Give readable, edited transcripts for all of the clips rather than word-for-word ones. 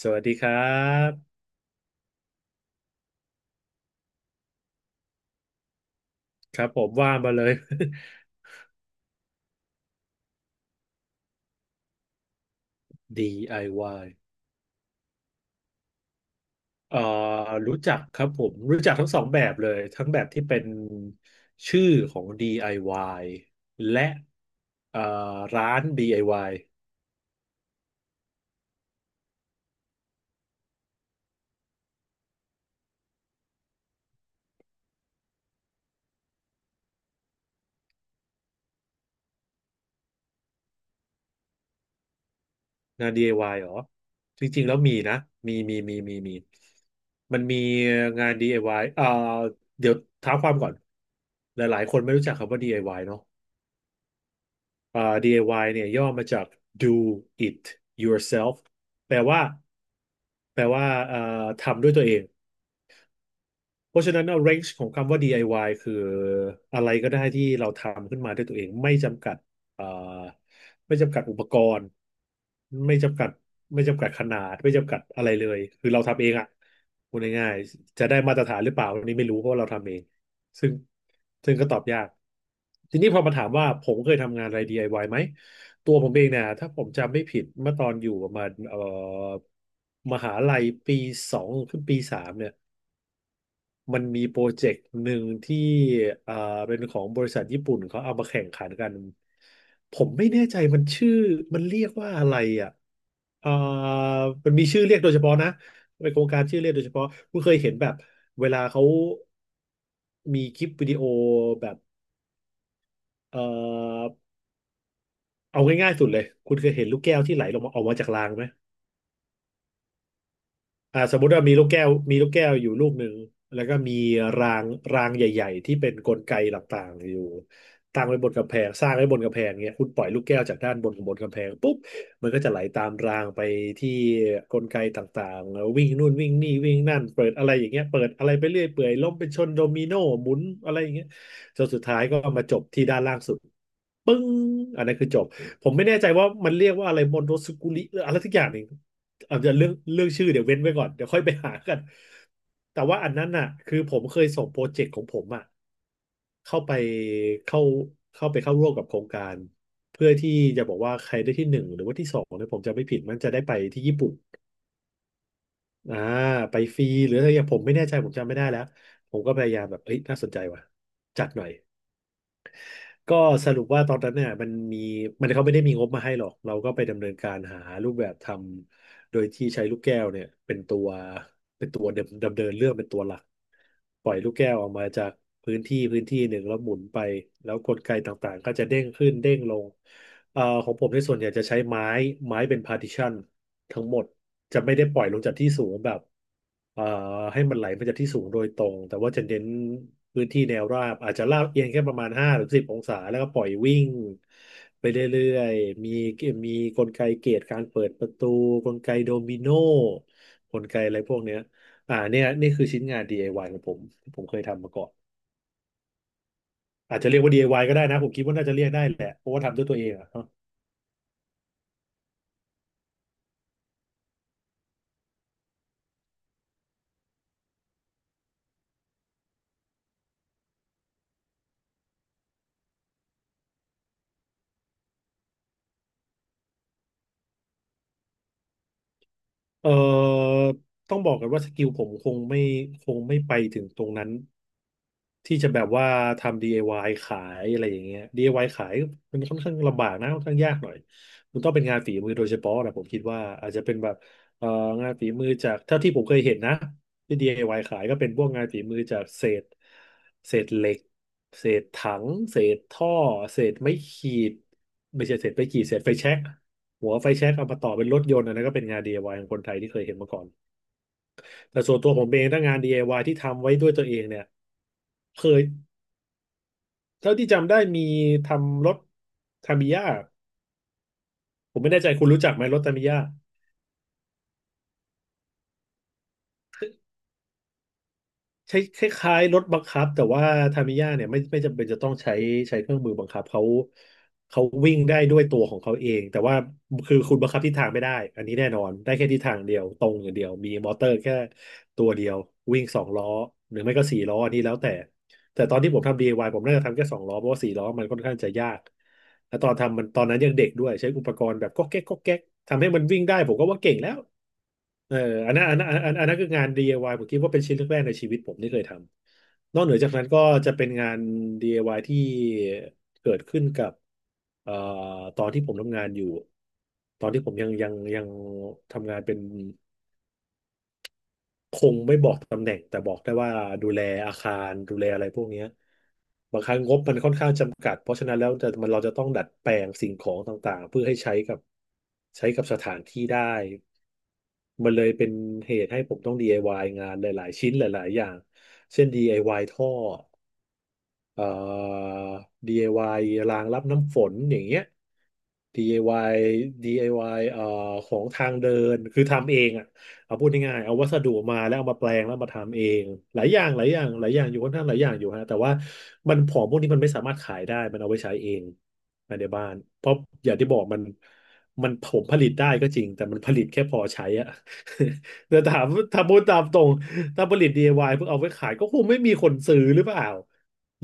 สวัสดีครับครับผมว่ามาเลย DIY เอ่อรู้จักครับผมรู้จักทั้งสองแบบเลยทั้งแบบที่เป็นชื่อของ DIY และเอ่อร้าน DIY งาน DIY เหรอจริงๆแล้วมีนะมีมันมีงาน DIY เดี๋ยวเท้าความก่อนหลายๆคนไม่รู้จักคำว่า DIY เนอะ อ่า DIY เนี่ยย่อมาจาก do it yourself แปลว่าแปลว่าเอ่อทำด้วยตัวเอง เพราะฉะนั้นเรนจ์ของคำว่า DIY คืออะไรก็ได้ที่เราทำขึ้นมาด้วยตัวเองไม่จำกัดเอ่อไม่จำกัดอุปกรณ์ไม่จำกัดไม่จำกัดขนาดไม่จำกัดอะไรเลยคือเราทำเองอ่ะพูดง่ายๆจะได้มาตรฐานหรือเปล่าอันนี้ไม่รู้เพราะว่าเราทำเองซึ่งซึ่งก็ตอบยากทีนี้พอมาถามว่าผมเคยทำงานอะไร DIY ไอวายไหมตัวผมเองเนี่ยถ้าผมจำไม่ผิดเมื่อตอนอยู่ประมาณมหาลัยปีสองขึ้นปีสามเนี่ย มันมีโปรเจกต์หนึ่งที่อ่าเป็นของบริษัทญี่ปุ่นเขาเอามาแข่งขันกันผมไม่แน่ใจมันชื่อ มันเรียกว่าอะไรอ่ะอ่ามันมีชื่อเรียกโดยเฉพาะนะเป็นโครงการชื่อเรียกโดยเฉพาะคุณเคยเห็นแบบเวลาเขามีคลิปวิดีโอแบบ เอ่อเอาง่ายๆสุดเลย คุณเคยเห็นลูกแก้วที่ไหลลงมาออกมาจากรางไหม สมมุติว่ามีลูกแก้วอยู่ลูกหนึ่งแล้วก็มีรางรางใหญ่ๆที่เป็นกลไกต่างๆอยู่ตั้งไว้บนกำแพงสร้างไว้บนกำแพงเนี้ยคุณปล่อยลูกแก้วจากด้านบนของบนกำแพงปุ๊บมันก็จะไหลตามรางไปที่กลไกต่างๆแล้ววิ่งนู่นวิ่งนี่วิ่งนั่นเปิดอะไรอย่างเงี้ยเปิดอะไรไปเรื่อยเปื่อยล้มเป็นชนโดมิโนหมุนอะไรอย่างเงี้ยจนสุดท้ายก็มาจบที่ด้านล่างสุดปึ้งอันนั้นคือจบผมไม่แน่ใจว่ามันเรียกว่าอะไรมอนโตสกุลิหรืออะไรสักอย่างหนึ่ง อาจจะเรื่องชื่อเดี๋ยวเว้นไว้ก่อนเดี๋ยวค่อยไปหากันแต่ว่าอันนั้นน่ะคือผมเคยส่งโปรเจกต์ของผมอ่ะเข้าไปเข้าเข้าไปเข้าร่วมกับโครงการเพื่อที่จะบอกว่าใครได้ที่หนึ่งหรือว่าที่สองเนี่ยผมจะไม่ผิดมันจะได้ไปที่ญี่ปุ่นอ่าไปฟรีหรืออะไรอย่างผมไม่แน่ใจผมจำไม่ได้แล้วผมก็พยายามแบบเอ้ยน่าสนใจว่ะจัดหน่อย ก็สรุปว่าตอนนั้นเนี่ยมันเขาไม่ได้มีงบมาให้หรอกเราก็ไปดำเนินการหารูปแบบทำโดยที่ใช้ลูกแก้วเนี่ยเป็นตัวดำเนินเรื่องเป็นตัวหลักปล่อยลูกแก้วออกมาจากพื้นที่หนึ่งแล้วหมุนไปแล้วกลไกต่างๆก็จะเด้งขึ้นเด้งลงของผมในส่วนใหญ่จะใช้ไม้เป็นพาร์ติชันทั้งหมดจะไม่ได้ปล่อยลงจากที่สูงแบบ เอ่อให้มันไหลมาจากที่สูงโดยตรงแต่ว่าจะเน้นพื้นที่แนวราบอาจจะลาดเอียงแค่ประมาณ5 หรือ 10 องศาแล้วก็ปล่อยวิ่งไปเรื่อยๆมีกลไกเกตการเปิดประตูกลไกโดมิโนกลไกอะไรพวกเนี้ยเนี่ยนี่คือชิ้นงาน DIY ของผมที่ผมเคยทำมาก่อนอาจจะเรียกว่า DIY ก็ได้นะผมคิดว่าน่าจะเรียกได้แหละเพราะว่าทำด้วยตัวเองอะ เอ่อต้องบอกกันว่าสกิลผมคงไม่ไปถึงตรงนั้นที่จะแบบว่าทำ DIY ขายอะไรอย่างเงี้ย DIY ขายมันค่อนข้างลำบากนะค่อนข้างยากหน่อยมันต้องเป็นงานฝีมือโดยเฉพาะนะผมคิดว่าอาจจะเป็นแบบเอ่องานฝีมือจากเท่าที่ผมเคยเห็นนะที่ DIY ขายก็เป็นพวกงานฝีมือจากเศษเหล็กเศษถังเศษท่อเศษไม้ขีดไม่ใช่เศษไม้ขีดเศษไฟแช็ก หัวไฟแช็กเอามาต่อเป็นรถยนต์อันนั้นก็เป็นงาน DIY ของคนไทยที่เคยเห็นมาก่อนแต่ส่วนตัวผมเองถ้างาน DIY ที่ทำไว้ด้วยตัวเองเนี่ยเคยเท่าที่จำได้มีทำรถทามิยะผมไม่แน่ใจคุณรู้จักไหมรถทามิยะ ใช้คล้ายๆรถบังคับแต่ว่าทามิยะเนี่ยไม่จำเป็นจะต้องใช้เครื่องมือบังคับเขาเขาวิ่งได้ด้วยตัวของเขาเองแต่ว่าคือคุณบังคับทิศทางไม่ได้อันนี้แน่นอนได้แค่ทิศทางเดียวตรงอย่างเดียวมีมอเตอร์แค่ตัวเดียววิ่งสองล้อหรือไม่ก็สี่ล้ออันนี้แล้วแต่แต่ตอนที่ผมทำ DIY ผมน่าจะทำแค่สองล้อเพราะว่าสี่ล้อมันค่อนข้างจะยากและตอนทำมันตอนนั้นยังเด็กด้วยใช้อุปกรณ์แบบก๊อกแก๊กก๊อกแก๊กทำให้มันวิ่งได้ผมก็ว่าเก่งแล้ว เอออันนั้นคืองาน DIY ผมคิดว่าเป็นชิ้นแรกๆในชีวิตผมที่เคยทำนอกเหนือจากนั้นก็จะเป็นงาน DIY ที่เกิดขึ้นกับเอ่อตอนที่ผมทำงานอยู่ตอนที่ผมยังทำงานเป็นคงไม่บอกตำแหน่งแต่บอกได้ว่าดูแลอาคารดูแลอะไรพวกเนี้ยบางครั้งงบมันค่อนข้างจำกัดเพราะฉะนั้นแล้วจะมันเราจะต้องดัดแปลงสิ่งของต่างๆเพื่อให้ใช้กับสถานที่ได้ มันเลยเป็นเหตุให้ผมต้อง DIY งานหลาย ๆ ชิ้นหลาย ๆ อย่าง เช่น DIY ท่อ เอ่อ DIY รางรับน้ำฝนอย่างเงี้ย DIY ว i y ของทางเดินคือทำเองอ่ะเอาพูดง่ายๆเอาวัสดุมาแล้วเอามาแปลงแล้วมาทำเองหลายอย่างหลายอย่างหลายอย่างอยู่ค่อนข้างหลายอย่างอยู่ฮะแต่ว่ามันของพวกนี้มันไม่สามารถขายได้มันเอาไว้ใช้เองภายในบ้านเพราะอย่างที่บอกมันมันผมผลิตได้ก็จริงแต่มันผลิตแค่พอใช้อ่ะ แต่ถามถ้าพูดตามตรงถ้าผลิต DIY เพื่อเอาไว้ขายก็คงไม่มีคนซื้อหรือเปล่า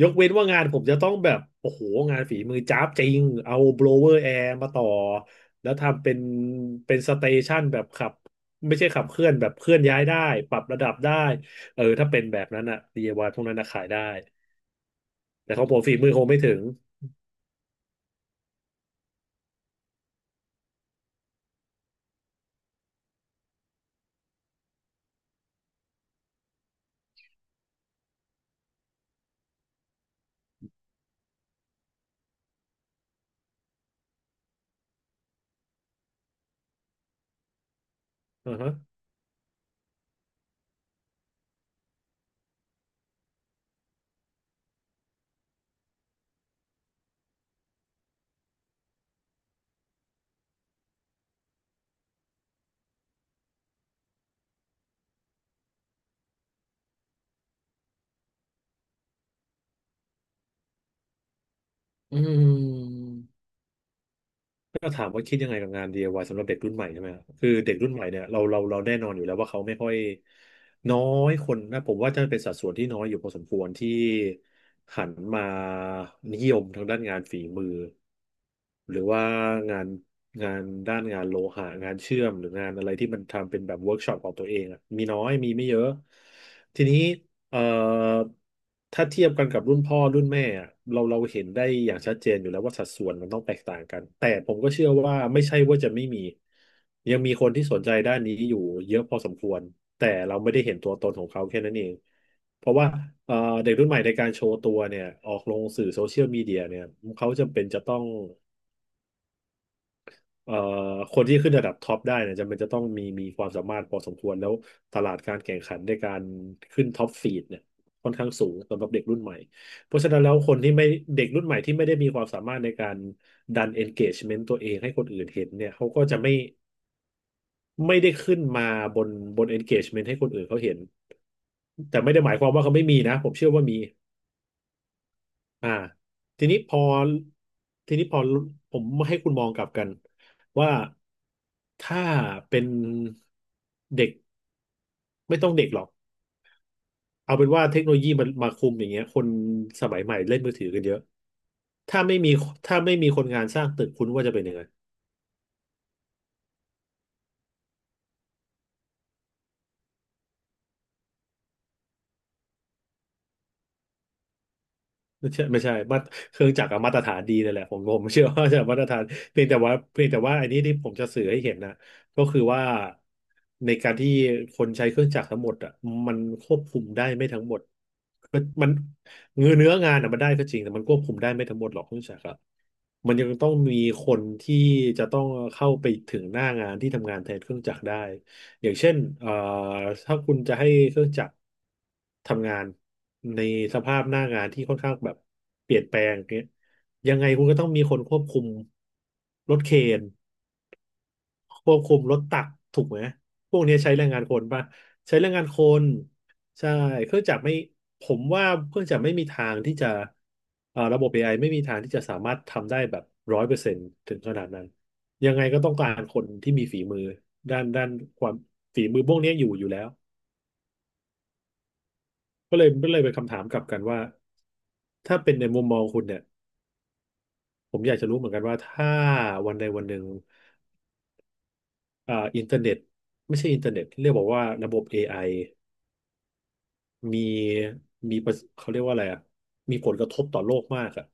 ยกเว้นว่างานผมจะต้องแบบโอ้โหงานฝีมือจ้าบจริงเอาโบ l เวอร์แอร์มาต่อแล้วทำเป็นเป็นสเตชันแบบขับไม่ใช่ขับเคลื่อนแบบเคลื่อนย้ายได้ปรับระดับได้เออถ้าเป็นแบบนั้นอะดีไอว i y พวกนั้นอะขายได้แต่ของผมฝีมือคงไม่ถึงอือฮะอืม ก็ถามว่าคิดยังไงกับงาน DIY สำหรับเด็กรุ่นใหม่ใช่ไหมครับคือเด็กรุ่นใหม่เนี่ยเราแน่นอนอยู่แล้วว่าเขาไม่ค่อยน้อยคนนะผมว่าจะเป็นสัดส่วนที่น้อยอยู่พอสมควรที่หันมานิยมทางด้านงานฝีมือหรือว่างานงานด้านงานโลหะงานเชื่อมหรืองานอะไรที่มันทำเป็นแบบเวิร์กช็อปของตัวเองอะมีน้อยมีไม่เยอะทีนี้ เอ่อถ้าเทียบกันกับรุ่นพ่อรุ่นแม่อะเราเห็นได้อย่างชัดเจนอยู่แล้วว่าสัดส่วนมันต้องแตกต่างกันแต่ผมก็เชื่อว่าไม่ใช่ว่าจะไม่มียังมีคนที่สนใจด้านนี้อยู่เยอะพอสมควรแต่เราไม่ได้เห็นตัวตนของเขาแค่นั้นเองเพราะว่าเอ่อเด็กรุ่นใหม่ในการโชว์ตัวเนี่ยออกลงสื่อโซเชียลมีเดียเนี่ยเขาจำเป็นจะต้อง เอ่อคนที่ขึ้นระดับท็อปได้เนี่ยจำเป็นจะต้องมีความสามารถพอสมควรแล้วตลาดการแข่งขันในการขึ้นท็อปฟีดเนี่ยค่อนข้างสูงสำหรับเด็กรุ่นใหม่เพราะฉะนั้นแล้วคนที่ไม่เด็กรุ่นใหม่ที่ไม่ได้มีความสามารถในการดัน engagement ตัวเองให้คนอื่นเห็นเนี่ยเขาก็จะไม่ได้ขึ้นมาบนบน engagement ให้คนอื่นเขาเห็นแต่ไม่ได้หมายความว่าเขาไม่มีนะผมเชื่อว่ามี อ่าทีนี้พอทีนี้พอผมให้คุณมองกลับกันว่าถ้าเป็นเด็กไม่ต้องเด็กหรอกเอาเป็นว่าเทคโนโลยีมันมาคุมอย่างเงี้ยคนสมัยใหม่เล่นมือถือกันเยอะถ้าไม่มีถ้าไม่มีคนงานสร้างตึกคุณว่าจะเป็นยังไง ไม่ใช่มาเครื่องจักรอะมาตรฐานดีเลยแหละผมเชื่อว่าจะมาตรฐานเพียงแต่ว่าอันนี้ที่ผมจะสื่อให้เห็นนะก็คือว่าในการที่คนใช้เครื่องจักรทั้งหมดอ่ะมันควบคุมได้ไม่ทั้งหมดก็มันเนื้องานอ่ะมันได้ก็จริงแต่มันควบคุมได้ไม่ทั้งหมดหรอกเครื่องจักรอะมันยังต้องมีคนที่จะต้องเข้าไปถึงหน้างานที่ทำงานแทนเครื่องจักรได้ อย่างเช่นถ้าคุณจะให้เครื่องจักรทำงานในสภาพหน้างานที่ค่อนข้างแบบเปลี่ยนแปลงเงี้ยยังไงคุณก็ต้องมีคนควบคุมรถเครน ควบคุมรถตักถูกไหมพวกนี้ใช้แรงงานคนป่ะใช้แรงงานคนใช่เครื่องจักรไม่ผมว่าเครื่องจักรไม่มีทางที่จะระบบ AI ไอไม่มีทางที่จะสามารถทำได้แบบร้อยเปอร์เซ็นต์ถึงขนาดนั้นยังไงก็ต้องการคนที่มีฝีมือด้านความฝีมือพวกนี้อยู่แล้วก็เลยเป็นคำถามกลับกันว่าถ้าเป็นในมุมมองคุณเนี่ยผมอยากจะรู้เหมือนกันว่าถ้าวันใดวันหนึ่งอินเทอร์เน็ตไม่ใช่อินเทอร์เน็ตเรียกบอกว่าระบบเอไอ มีมีประเขาเรียกว่าอะไรอ่ะมีผลกระทบต่อโลกมากอ่ะ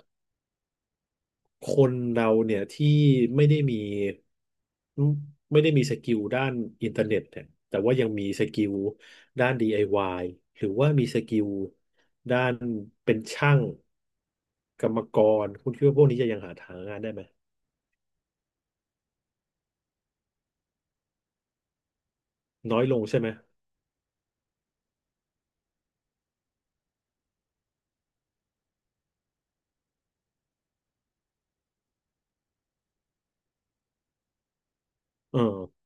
คนเราเนี่ยที่ไม่ได้มีไม่ได้มีสกิลด้านอินเทอร์เน็ตเนี่ยแต่ว่ายังมีสกิลด้าน DIY หรือว่ามีสกิลด้านเป็นช่างกรรมกรคุณคิดว่าพวกนี้จะยังหาทางงานได้ไหมน้อยลงใช่ไหมเออ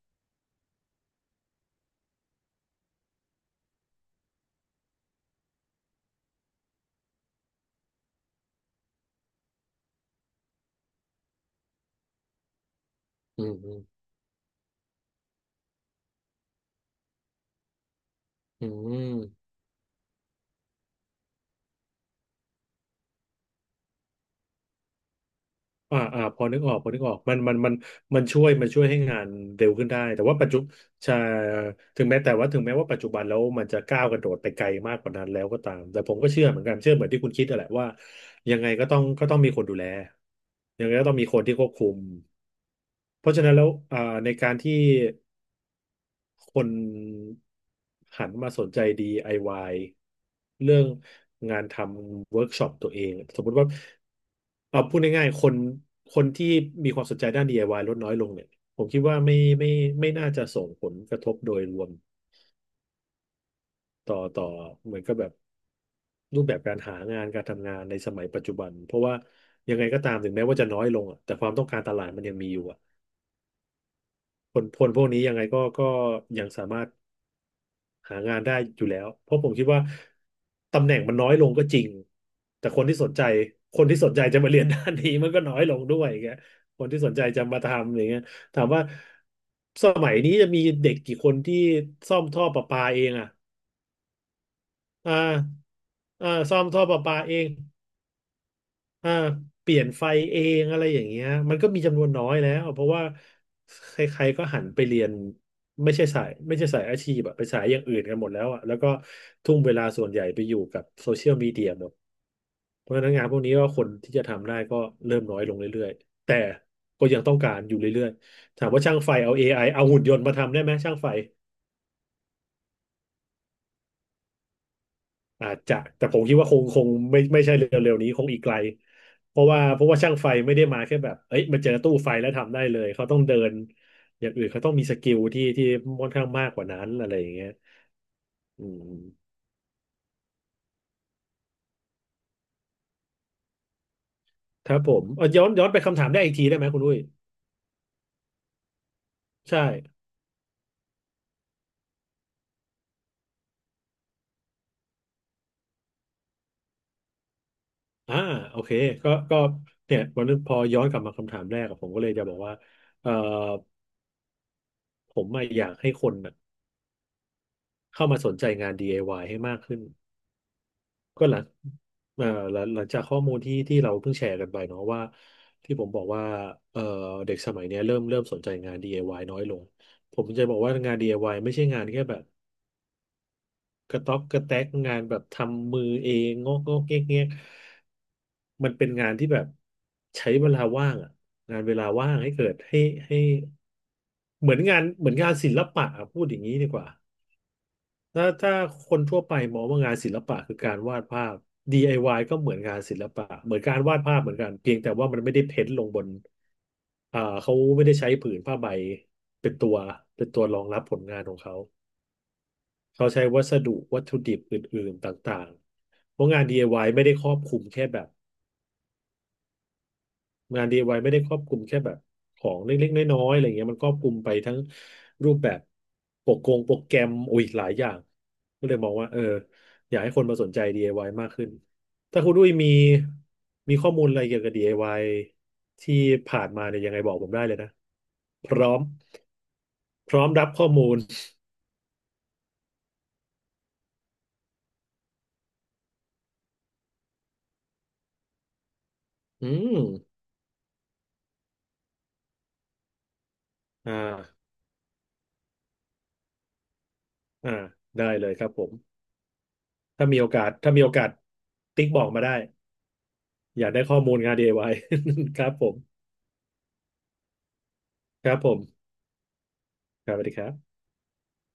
อืมอืมอืม อ่าอ่าพอนึกออกมันมันช่วยให้งานเร็วขึ้นได้แต่ว่าปัจจุใช่ถึงแม้แต่ว่าถึงแม้ว่าปัจจุบันแล้วมันจะก้าวกระโดดไปไกลมากกว่านั้นแล้วก็ตามแต่ผมก็เชื่อเหมือนกันเชื่อเหมือนที่คุณคิดนั่นแหละว่ายังไงก็ต้องมีคนดูแลยังไงก็ต้องมีคนที่ควบคุมเพราะฉะนั้นแล้วในการที่ คนหันมาสนใจ DIY เรื่องงานทำเวิร์กช็อปตัวเองสมมติว่าเอาพูดง่ายๆคนที่มีความสนใจด้าน DIY ลดน้อยลงเนี่ยผมคิดว่าไม่ไม่น่าจะส่งผลกระทบโดยรวมต่อเหมือนกับแบบรูปแบบการหางานการทำงานในสมัยปัจจุบันเพราะว่ายังไงก็ตามถึงแม้ว่าจะน้อยลงอ่ะแต่ความต้องการตลาดมันยังมีอยู่อ่ะคนพวกนี้ยังไงก็ยังสามารถ หางานได้อยู่แล้วเพราะผมคิดว่าตำแหน่งมันน้อยลงก็จริงแต่คนที่สนใจจะมาเรียนด้านนี้ มันก็น้อยลงด้วยอย่างเงี้ยคนที่สนใจจะมาทำอย่างเงี้ยถามว่าสมัยนี้จะมีเด็กกี่คนที่ซ่อมท่อประปาเองอ่ะอ่าอ่าซ่อมท่อประปาเอง อ่าเปลี่ยนไฟเองอะไรอย่างเงี้ยมันก็มีจำนวนน้อยแล้วเพราะว่าใครๆก็หันไปเรียนไม่ใช่สายอาชีพอะไปสายอย่างอื่นกันหมดแล้วอะแล้วก็ทุ่มเวลาส่วนใหญ่ไปอยู่กับโซเชียลมีเดียหมดเพราะฉะนั้นงานพวกนี้ก็คนที่จะทำได้ก็เริ่มน้อยลงเรื่อยๆแต่ก็ยังต้องการอยู่เรื่อยๆถามว่าช่างไฟเอา AI เอาหุ่นยนต์มาทำได้ไหมช่างไฟ อาจจะแต่ผมคิดว่าคงไม่ใช่เร็วๆนี้คงอีกไกลเพราะว่าช่างไฟไม่ได้มาแค่แบบเอ้ยมาเจอตู้ไฟแล้วทำได้เลยเขาต้องเดินอย่างอื่นเขาต้องมีสกิลที่ค่อนข้างมากกว่านั้นอะไรอย่างเงี้ยอืมครับผมย้อนไปคำถามได้อีกทีได้ไหมคุณอุ้ยใช่อ่าโอเคก็เนี่ยวันนี้พอย้อนกลับมาคำถามแรกอะผมก็เลยจะบอกว่าเอ่อผมอะอยากให้คนอะเข้ามาสนใจงาน DIY ให้มากขึ้น ก็หลังเอ่อหลังจากข้อมูลที่เราเพิ่งแชร์กันไปเนาะว่าที่ผมบอกว่าเอ่อเด็กสมัยเนี้ยเริ่มสนใจงาน DIY น้อยลง ผมจะบอกว่างาน DIY ไอวายไม่ใช่งานแค่แบบกระต๊อกกระแตกงานแบบทำมือเองงอกเงี้ยมันเป็นงานที่แบบใช้เวลาว่างอะงานเวลาว่างให้เกิดให้ให้เหมือนงานเหมือนงานศิลปะอะพูดอย่างนี้ดีกว่า ถ้าคนทั่วไปมองว่างานศิลปะคือการวาดภาพ DIY ก็เหมือนงานศิลปะเหมือนการวาดภาพเหมือนกันเพียงแต่ว่ามันไม่ได้เพ้นท์ลงบนเขาไม่ได้ใช้ผืนผ้าใบเป็นตัวเป็นตัวรองรับผลงานของเขาเขาใช้วัสดุวัตถุดิบอื่นๆต่างๆเพราะงาน DIY ไอวายไม่ได้ครอบคลุมแค่แบบ งาน DIY ไอวายไม่ได้ครอบคลุมแค่แบบของเล็กๆ น้อยๆอะไรเงี้ยมันครอบคลุมไปทั้งรูปแบบโปรกงโปรแกรมโอ้ยหลายอย่างก็เลยมองว่าเอออยากให้คนมาสนใจ DIY มากขึ้น ถ้าคุณดุ้ยมีข้อมูลอะไรเกี่ยวกับ DIY ที่ผ่านมาเนี่ยยังไงบอกผมได้เลยนะพร้อมพร้อมรับข้อมูลอืมอ่าอ่าได้เลยครับผม ถ้ามีโอกาสติ๊กบอกมาได้อยากได้ข้อมูลงาน DIY ครับผม ครับผมครับสวัสดีครับ